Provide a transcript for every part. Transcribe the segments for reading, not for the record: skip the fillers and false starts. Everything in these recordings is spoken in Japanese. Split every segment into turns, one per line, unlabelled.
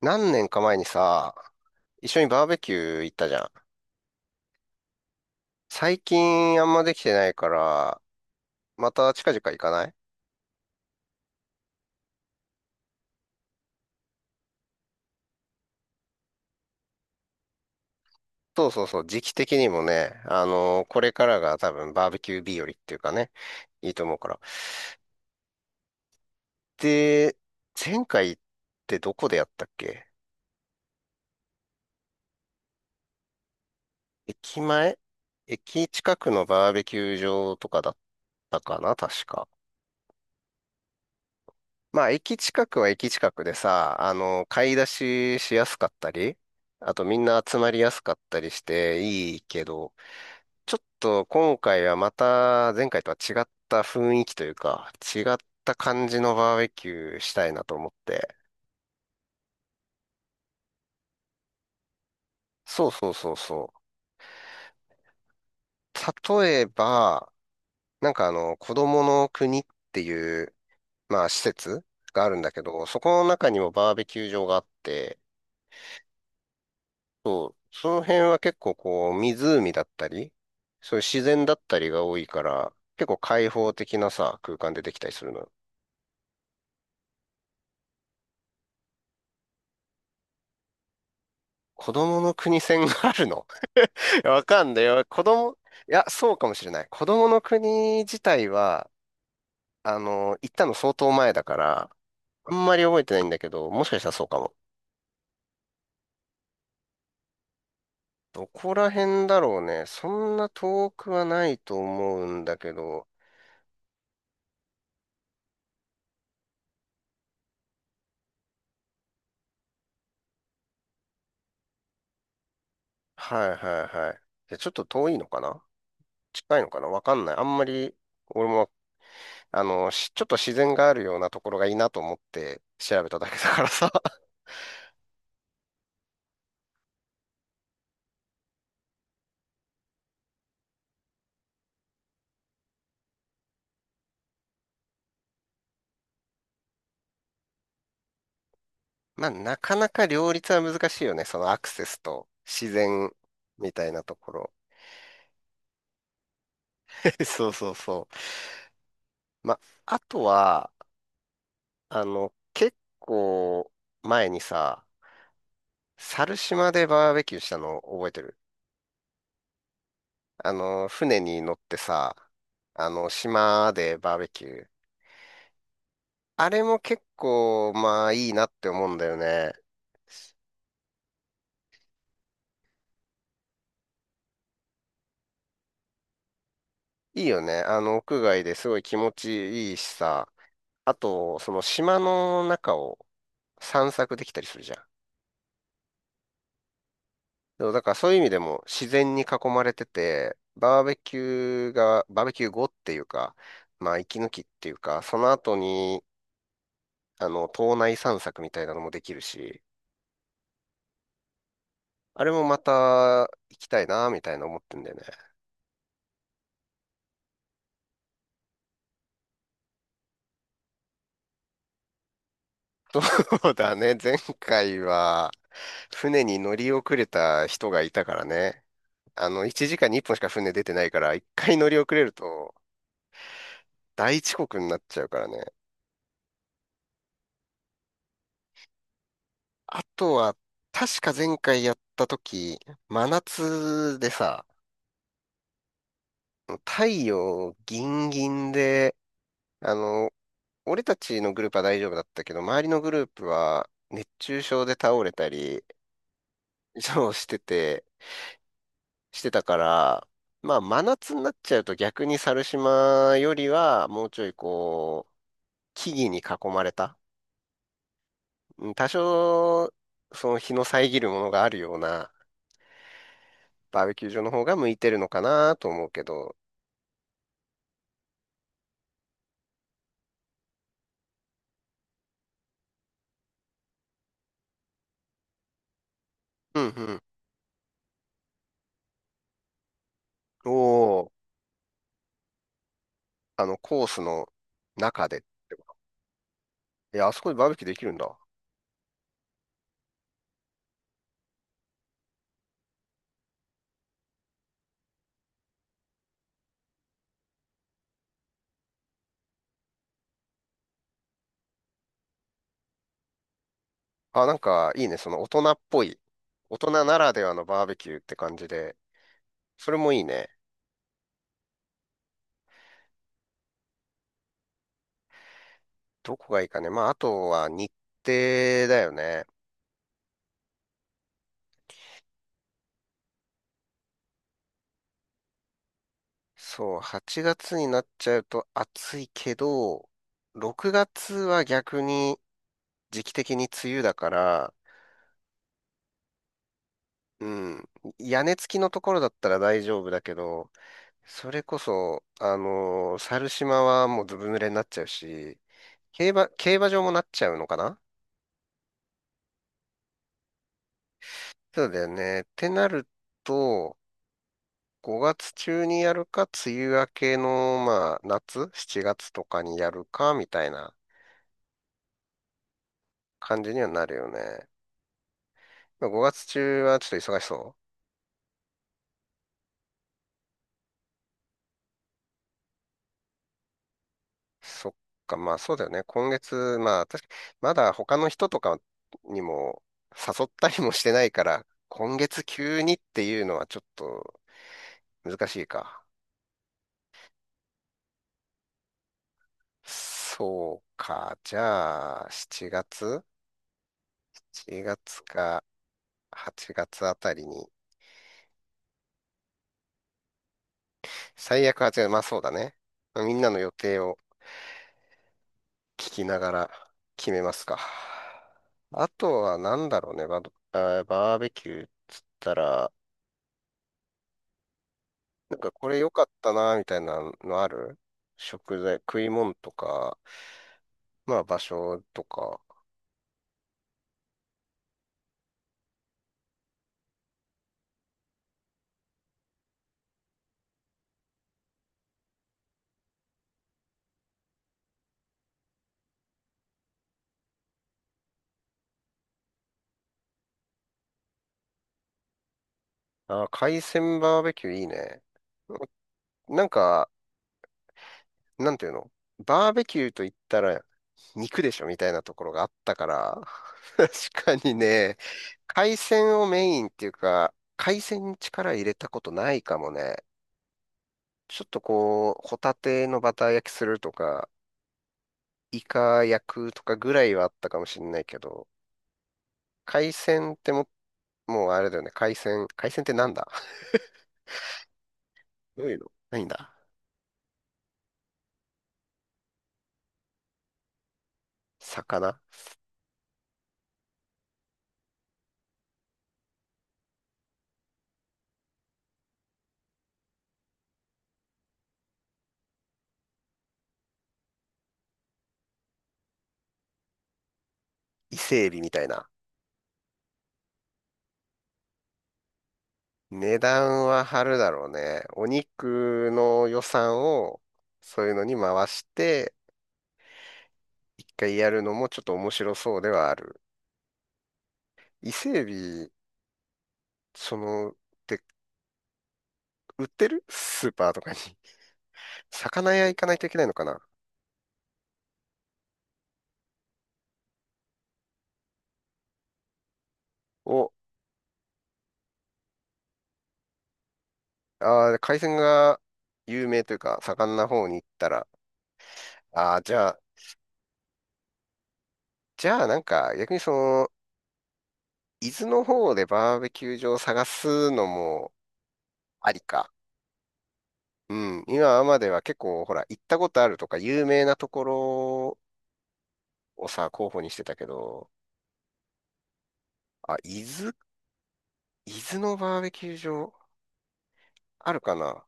何年か前にさ、一緒にバーベキュー行ったじゃん。最近あんまできてないから、また近々行かない？そうそうそう、時期的にもね、これからが多分バーベキュー日和っていうかね、いいと思うから。で、前回ってどこでやったっけ？駅前駅近くのバーベキュー場とかだったかな確か。まあ、駅近くは駅近くでさ、買い出ししやすかったり、あとみんな集まりやすかったりしていいけど、ちょっと今回はまた前回とは違った雰囲気というか、違った感じのバーベキューしたいなと思って。そうそうそうそう。例えば、なんか子供の国っていう、まあ、施設があるんだけど、そこの中にもバーベキュー場があって、そう、その辺は結構こう、湖だったり、そういう自然だったりが多いから、結構開放的なさ、空間でできたりするのよ。子供の国線があるの？ いやわかんないよ。いや、そうかもしれない。子供の国自体は、行ったの相当前だから、あんまり覚えてないんだけど、もしかしたらそうかも。どこら辺だろうね。そんな遠くはないと思うんだけど、はいはいはい。じゃあちょっと遠いのかな？近いのかな？わかんない。あんまり、俺も、ちょっと自然があるようなところがいいなと思って調べただけだからさ。まあ、なかなか両立は難しいよね。そのアクセスと自然みたいなところ。そうそうそう。まあ、あとは、結構前にさ、猿島でバーベキューしたの覚えてる？船に乗ってさ、島でバーベキュー。あれも結構、まあいいなって思うんだよね。いいよね。屋外ですごい気持ちいいしさ。あと、その島の中を散策できたりするじゃん。でもだからそういう意味でも自然に囲まれてて、バーベキュー後っていうか、まあ息抜きっていうか、その後に、島内散策みたいなのもできるし、あれもまた行きたいな、みたいな思ってんだよね。そうだね。前回は船に乗り遅れた人がいたからね。1時間に1本しか船出てないから、1回乗り遅れると大遅刻になっちゃうからね。あとは、確か前回やった時、真夏でさ、太陽ギンギンで、あの、俺たちのグループは大丈夫だったけど、周りのグループは熱中症で倒れたり、そうしてて、してたから、まあ真夏になっちゃうと逆に猿島よりはもうちょいこう、木々に囲まれた。うん、多少、その日の遮るものがあるようなバーベキュー場の方が向いてるのかなと思うけど。うんうん。おお、コースの中でってこと？いや、あそこでバーベキューできるんだ。あ、なんか、いいね。その大人っぽい。大人ならではのバーベキューって感じで。それもいいね。どこがいいかね。まあ、あとは日程だよね。そう、8月になっちゃうと暑いけど、6月は逆に時期的に梅雨だから、うん。屋根付きのところだったら大丈夫だけど、それこそ、猿島はもうずぶ濡れになっちゃうし、競馬場もなっちゃうのかな？そうだよね。ってなると、5月中にやるか、梅雨明けの、まあ、夏、7月とかにやるか、みたいな感じにはなるよね。5月中はちょっと忙しそう。そっか、まあそうだよね。今月、まあ確かまだ他の人とかにも誘ったりもしてないから、今月急にっていうのはちょっと難しいか。そうか、じゃあ7月 ?7 月か8月あたりに、最悪8月、まあそうだね。みんなの予定を聞きながら決めますか。あとは何だろうね、バーベキューっつったら、なんかこれ良かったな、みたいなのある？食材、食い物とか、まあ場所とか。あー、海鮮バーベキューいいね。なんか、なんていうの？バーベキューと言ったら肉でしょみたいなところがあったから、確かにね、海鮮をメインっていうか、海鮮に力入れたことないかもね。ちょっとこう、ホタテのバター焼きするとか、イカ焼くとかぐらいはあったかもしれないけど、海鮮ってもうあれだよね。海鮮。海鮮ってなんだ？ どういうのないんだ？魚。伊勢海老みたいな。値段は張るだろうね。お肉の予算をそういうのに回して、一回やるのもちょっと面白そうではある。伊勢海老、って売ってるスーパーとかに？魚屋行かないといけないのかな？お。あー、海鮮が有名というか、盛んな方に行ったら、ああ、じゃあなんか逆に伊豆の方でバーベキュー場を探すのもありか。うん。今までは結構、ほら、行ったことあるとか、有名なところをさ、候補にしてたけど、あ、伊豆のバーベキュー場あるかな？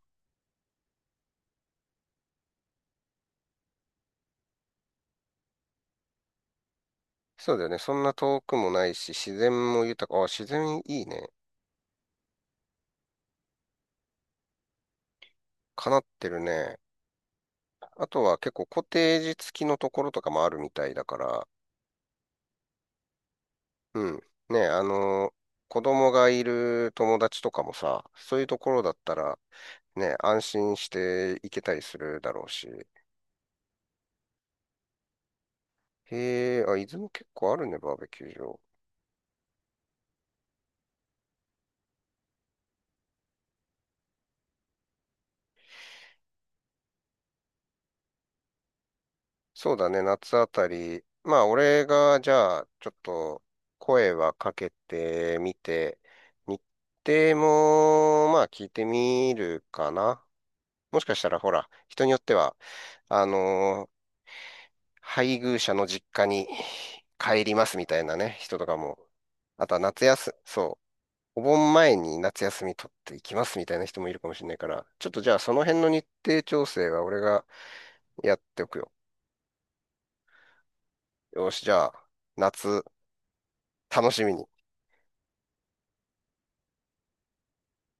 そうだよね。そんな遠くもないし、自然も豊か。あ、自然いいね。かなってるね。あとは結構コテージ付きのところとかもあるみたいだから、うん。ね、子供がいる友達とかもさ、そういうところだったら、ね、安心して行けたりするだろうし。へえ、あ、伊豆も結構あるね、バーベキュー場。そうだね、夏あたり。まあ、俺が、じゃあ、ちょっと、声はかけてみて、日程も、まあ、聞いてみるかな。もしかしたら、ほら、人によっては、あの配偶者の実家に帰りますみたいなね、人とかも。あとは夏休み、そう、お盆前に夏休み取っていきますみたいな人もいるかもしれないから、ちょっとじゃあその辺の日程調整は俺がやっておくよ。よし、じゃあ、夏、楽しみに。